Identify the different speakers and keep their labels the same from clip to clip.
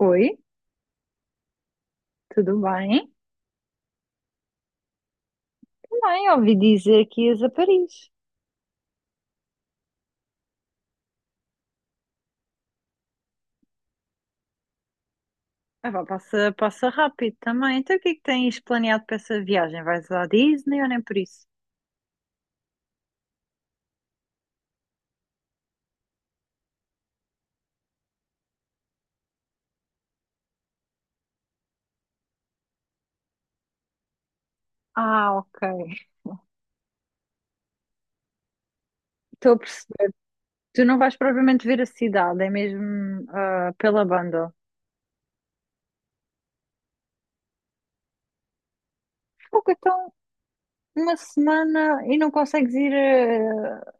Speaker 1: Oi, tudo bem? Bem, ouvi dizer que ias a Paris. Ah, vá, passa, passa rápido também. Então, o que é que tens planeado para essa viagem? Vais à Disney ou nem por isso? Ah, ok. Estou a perceber. Tu não vais propriamente ver a cidade, é mesmo pela banda. Pouco, então, uma semana e não consegues ir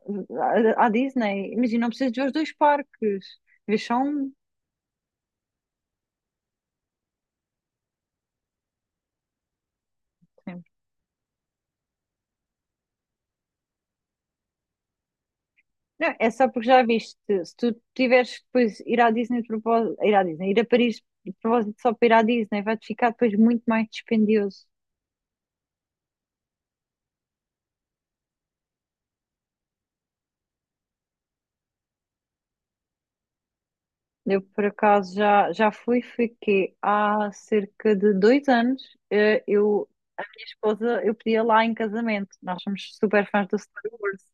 Speaker 1: à Disney. Imagina, não precisas ver os dois parques. Vês só um. Sim. Não, é só porque já viste, se tu tiveres que depois ir à Disney de propósito, ir à Disney, ir a Paris de propósito só para ir à Disney, vai-te ficar depois muito mais dispendioso. Eu, por acaso, já fui, fiquei há cerca de 2 anos. eh, Eu, a minha esposa, eu pedia lá em casamento. Nós somos super fãs do Star Wars,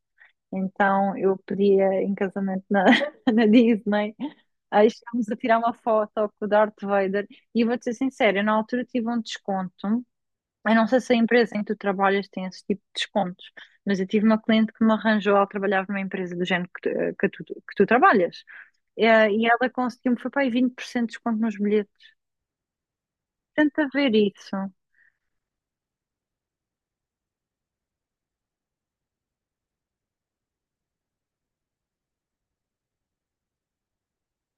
Speaker 1: então eu pedia em casamento na Disney. Aí estávamos a tirar uma foto com o Darth Vader. E eu vou-te ser sincera, eu na altura tive um desconto. Eu não sei se a empresa em que tu trabalhas tem esse tipo de descontos, mas eu tive uma cliente que me arranjou, ela trabalhava numa empresa do género que tu trabalhas. E ela conseguiu-me, foi para aí 20% de desconto nos bilhetes. Tenta ver isso.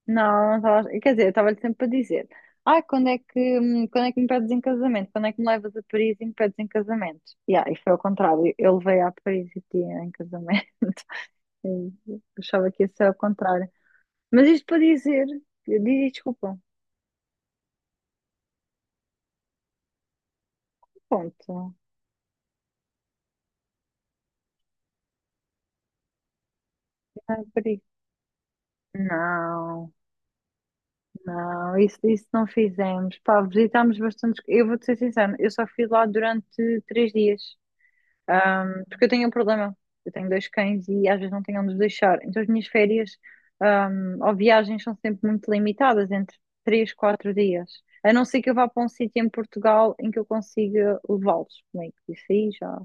Speaker 1: Não, não tava- quer dizer, eu estava-lhe sempre a dizer, ai, quando é que me pedes em casamento? Quando é que me levas a Paris e me pedes em casamento? Yeah, e foi ao contrário, eu levei a Paris e tinha em casamento. Eu achava que ia ser ao contrário. Mas isto para dizer, eu digo, desculpa, ponto. Ai, não, não, isso não fizemos. Pá, visitámos bastante. Eu vou-te ser sincera, eu só fui lá durante 3 dias. Porque eu tenho um problema. Eu tenho dois cães e às vezes não tenho onde os deixar. Então as minhas férias, ou viagens são sempre muito limitadas, entre 3, 4 dias. A não ser que eu vá para um sítio em Portugal em que eu consiga levá-los comigo. Isso aí já.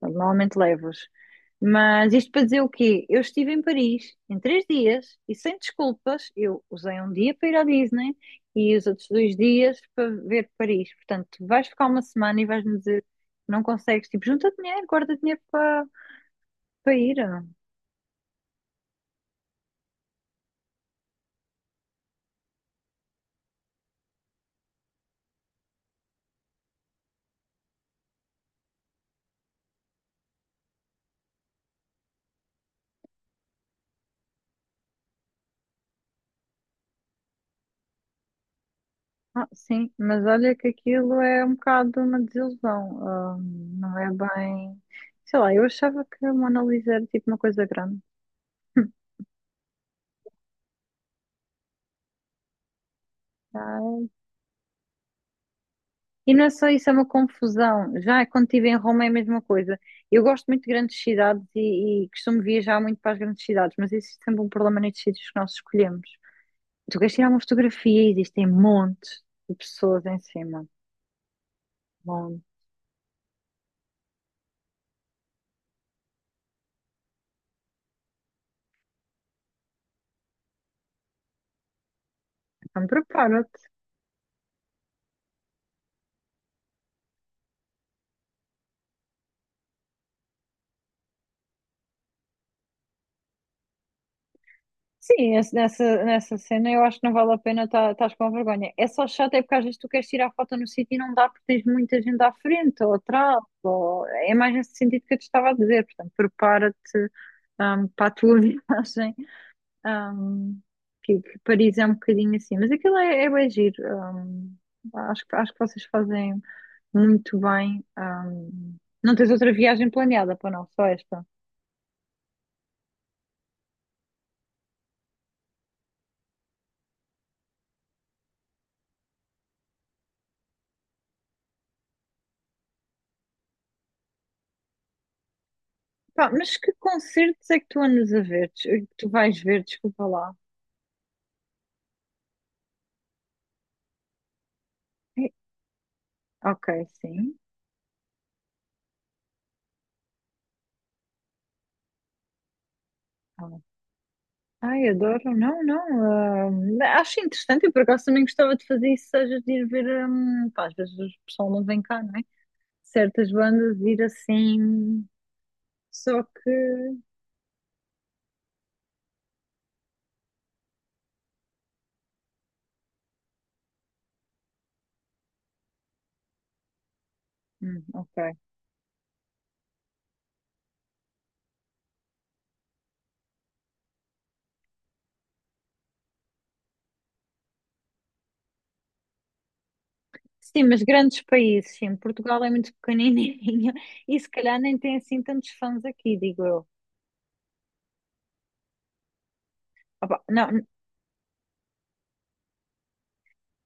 Speaker 1: Portanto, normalmente levo-os. Mas isto para dizer o quê? Eu estive em Paris em 3 dias e sem desculpas, eu usei um dia para ir à Disney e os outros 2 dias para ver Paris. Portanto, tu vais ficar uma semana e vais-me dizer que não consegues. Tipo, junta dinheiro, guarda dinheiro para ir. Ah, sim, mas olha que aquilo é um bocado uma desilusão. Não é bem. Sei lá, eu achava que a Mona Lisa era tipo uma coisa grande. E não é só isso, é uma confusão. Já quando estive em Roma é a mesma coisa. Eu gosto muito de grandes cidades e costumo viajar muito para as grandes cidades, mas existe sempre um problema nestes sítios que nós escolhemos. Tu queres tirar uma fotografia e existem montes de pessoas em cima. Montes. Então prepara-te. Sim, nessa cena eu acho que não vale a pena estar com vergonha. É só chato, é porque às vezes tu queres tirar foto no sítio e não dá porque tens muita gente à frente ou atrás. Ou... é mais nesse sentido que eu te estava a dizer. Portanto, prepara-te para a tua viagem. Um, que Paris é um bocadinho assim, mas aquilo é bem giro. um, acho que vocês fazem muito bem. Não tens outra viagem planeada para não, só esta. Pá, mas que concertos é que tu andas a ver? Que tu vais ver, desculpa lá. Eh, Ok, sim. Ah, Ai, adoro. Não, não. Acho interessante. Eu, por acaso, também gostava de fazer isso, seja de ir ver. Pá, às vezes o pessoal não vem cá, não é? Certas bandas, ir assim. Só que. Ok. Sim, mas grandes países, sim. Portugal é muito pequenininho e se calhar nem tem assim tantos fãs aqui, digo eu. Opa, não,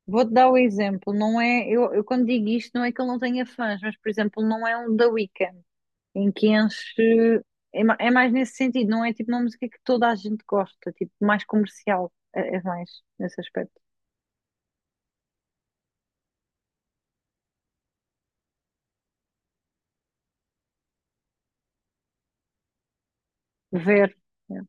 Speaker 1: vou-te dar o exemplo. Não é, eu quando digo isto, não é que ele não tenha fãs, mas por exemplo, não é um The Weeknd em que enche. É mais nesse sentido, não é tipo uma música que toda a gente gosta, tipo mais comercial. É mais nesse aspecto. Ver. É.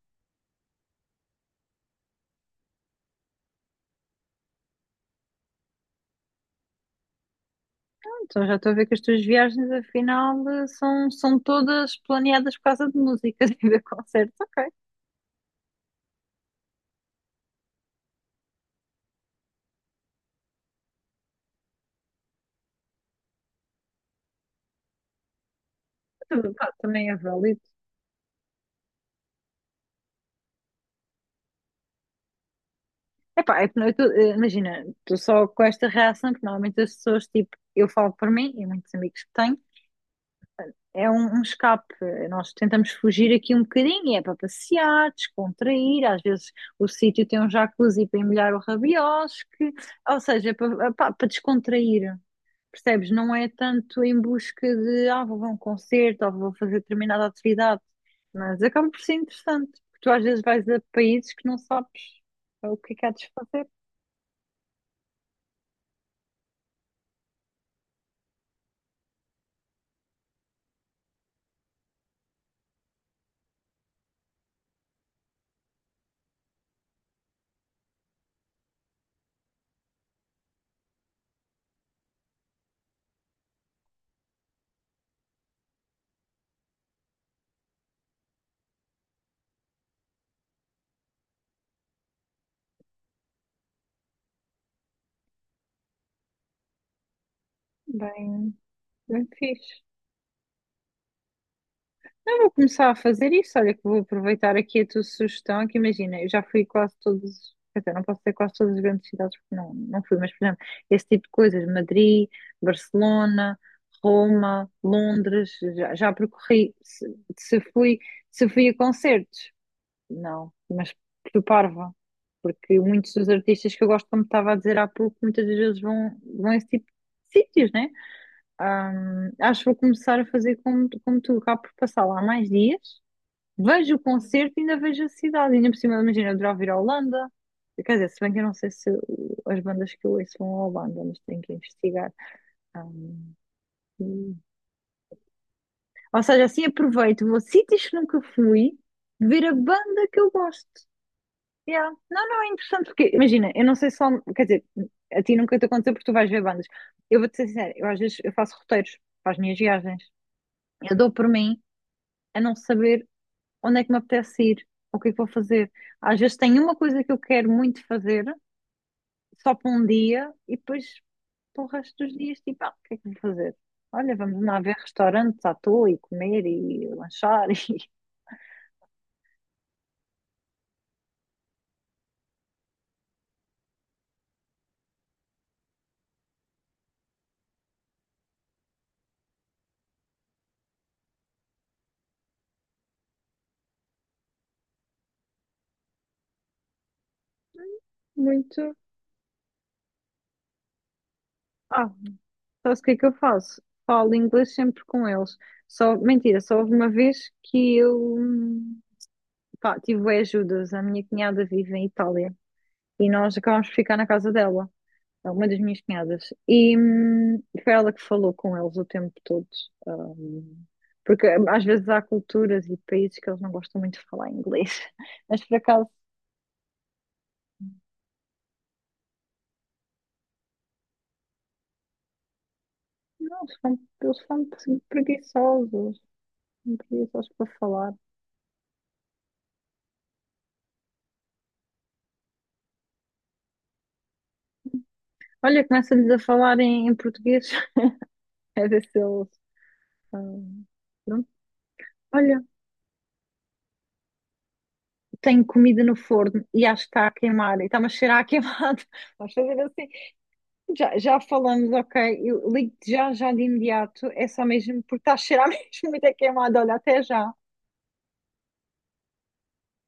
Speaker 1: Então já estou a ver que as tuas viagens, afinal, são todas planeadas por causa de música e ver concertos. Ok. Tudo, pá, também é válido. Epá, é que eu imagina, estou só com esta reação, porque normalmente as pessoas, tipo, eu falo por mim e muitos amigos que tenho, é um escape. Nós tentamos fugir aqui um bocadinho, é para passear, descontrair, às vezes o sítio tem um jacuzzi para emulhar o rabiosque, ou seja, é para descontrair. Percebes? Não é tanto em busca de, vou ver um concerto ou vou fazer determinada atividade, mas acaba por ser interessante, porque tu às vezes vais a países que não sabes o que é que há de se fazer. Bem, bem fixe. Eu vou começar a fazer isso. Olha, que vou aproveitar aqui a tua sugestão. Que imagina, eu já fui quase todas, quer dizer, não posso dizer quase todas as grandes cidades, porque não, não fui, mas por exemplo, esse tipo de coisas: Madrid, Barcelona, Roma, Londres, já percorri. Se fui, se fui a concertos, não, mas fui parva, porque muitos dos artistas que eu gosto, como estava a dizer há pouco, muitas das vezes vão a esse tipo de sítios, né? Acho que vou começar a fazer como tu, acabo por passar lá mais dias, vejo o concerto e ainda vejo a cidade. Ainda por cima, imagina, eu adorava ir à Holanda. Quer dizer, se bem que eu não sei se as bandas que eu ouço vão à Holanda, mas tenho que investigar. Hum, e- Ou seja, assim aproveito, vou a sítios que nunca fui, ver a banda que eu gosto. Yeah. Não, não, é interessante porque, imagina, eu não sei só, quer dizer, a ti nunca te aconteceu porque tu vais ver bandas. Eu vou-te ser sincera, eu às vezes eu faço roteiros para as minhas viagens. Eu dou por mim a não saber onde é que me apetece ir, ou o que é que vou fazer. Às vezes tenho uma coisa que eu quero muito fazer, só para um dia, e depois para o resto dos dias, tipo, o que é que vou fazer? Olha, vamos lá ver restaurantes à toa e comer e lanchar e muito. Ah, sabes o que é que eu faço? Falo inglês sempre com eles. Só, mentira, só houve uma vez que eu pá, tive bué ajudas. A minha cunhada vive em Itália e nós acabámos por ficar na casa dela. É uma das minhas cunhadas. E foi ela que falou com eles o tempo todo. hum, porque às vezes há culturas e países que eles não gostam muito de falar inglês. Mas por acaso, não, eles são preguiçosos. São preguiçosos para falar. Olha, começa-lhes a falar em português. A ver se eles. hum, pronto. Olha, tenho comida no forno e acho que está a queimar e está-me a cheirar a queimado. Vamos fazer assim. Já, já falamos, ok. Eu ligo-te já, já de imediato. É só mesmo porque está a cheirar mesmo muito a queimado. Olha, até já.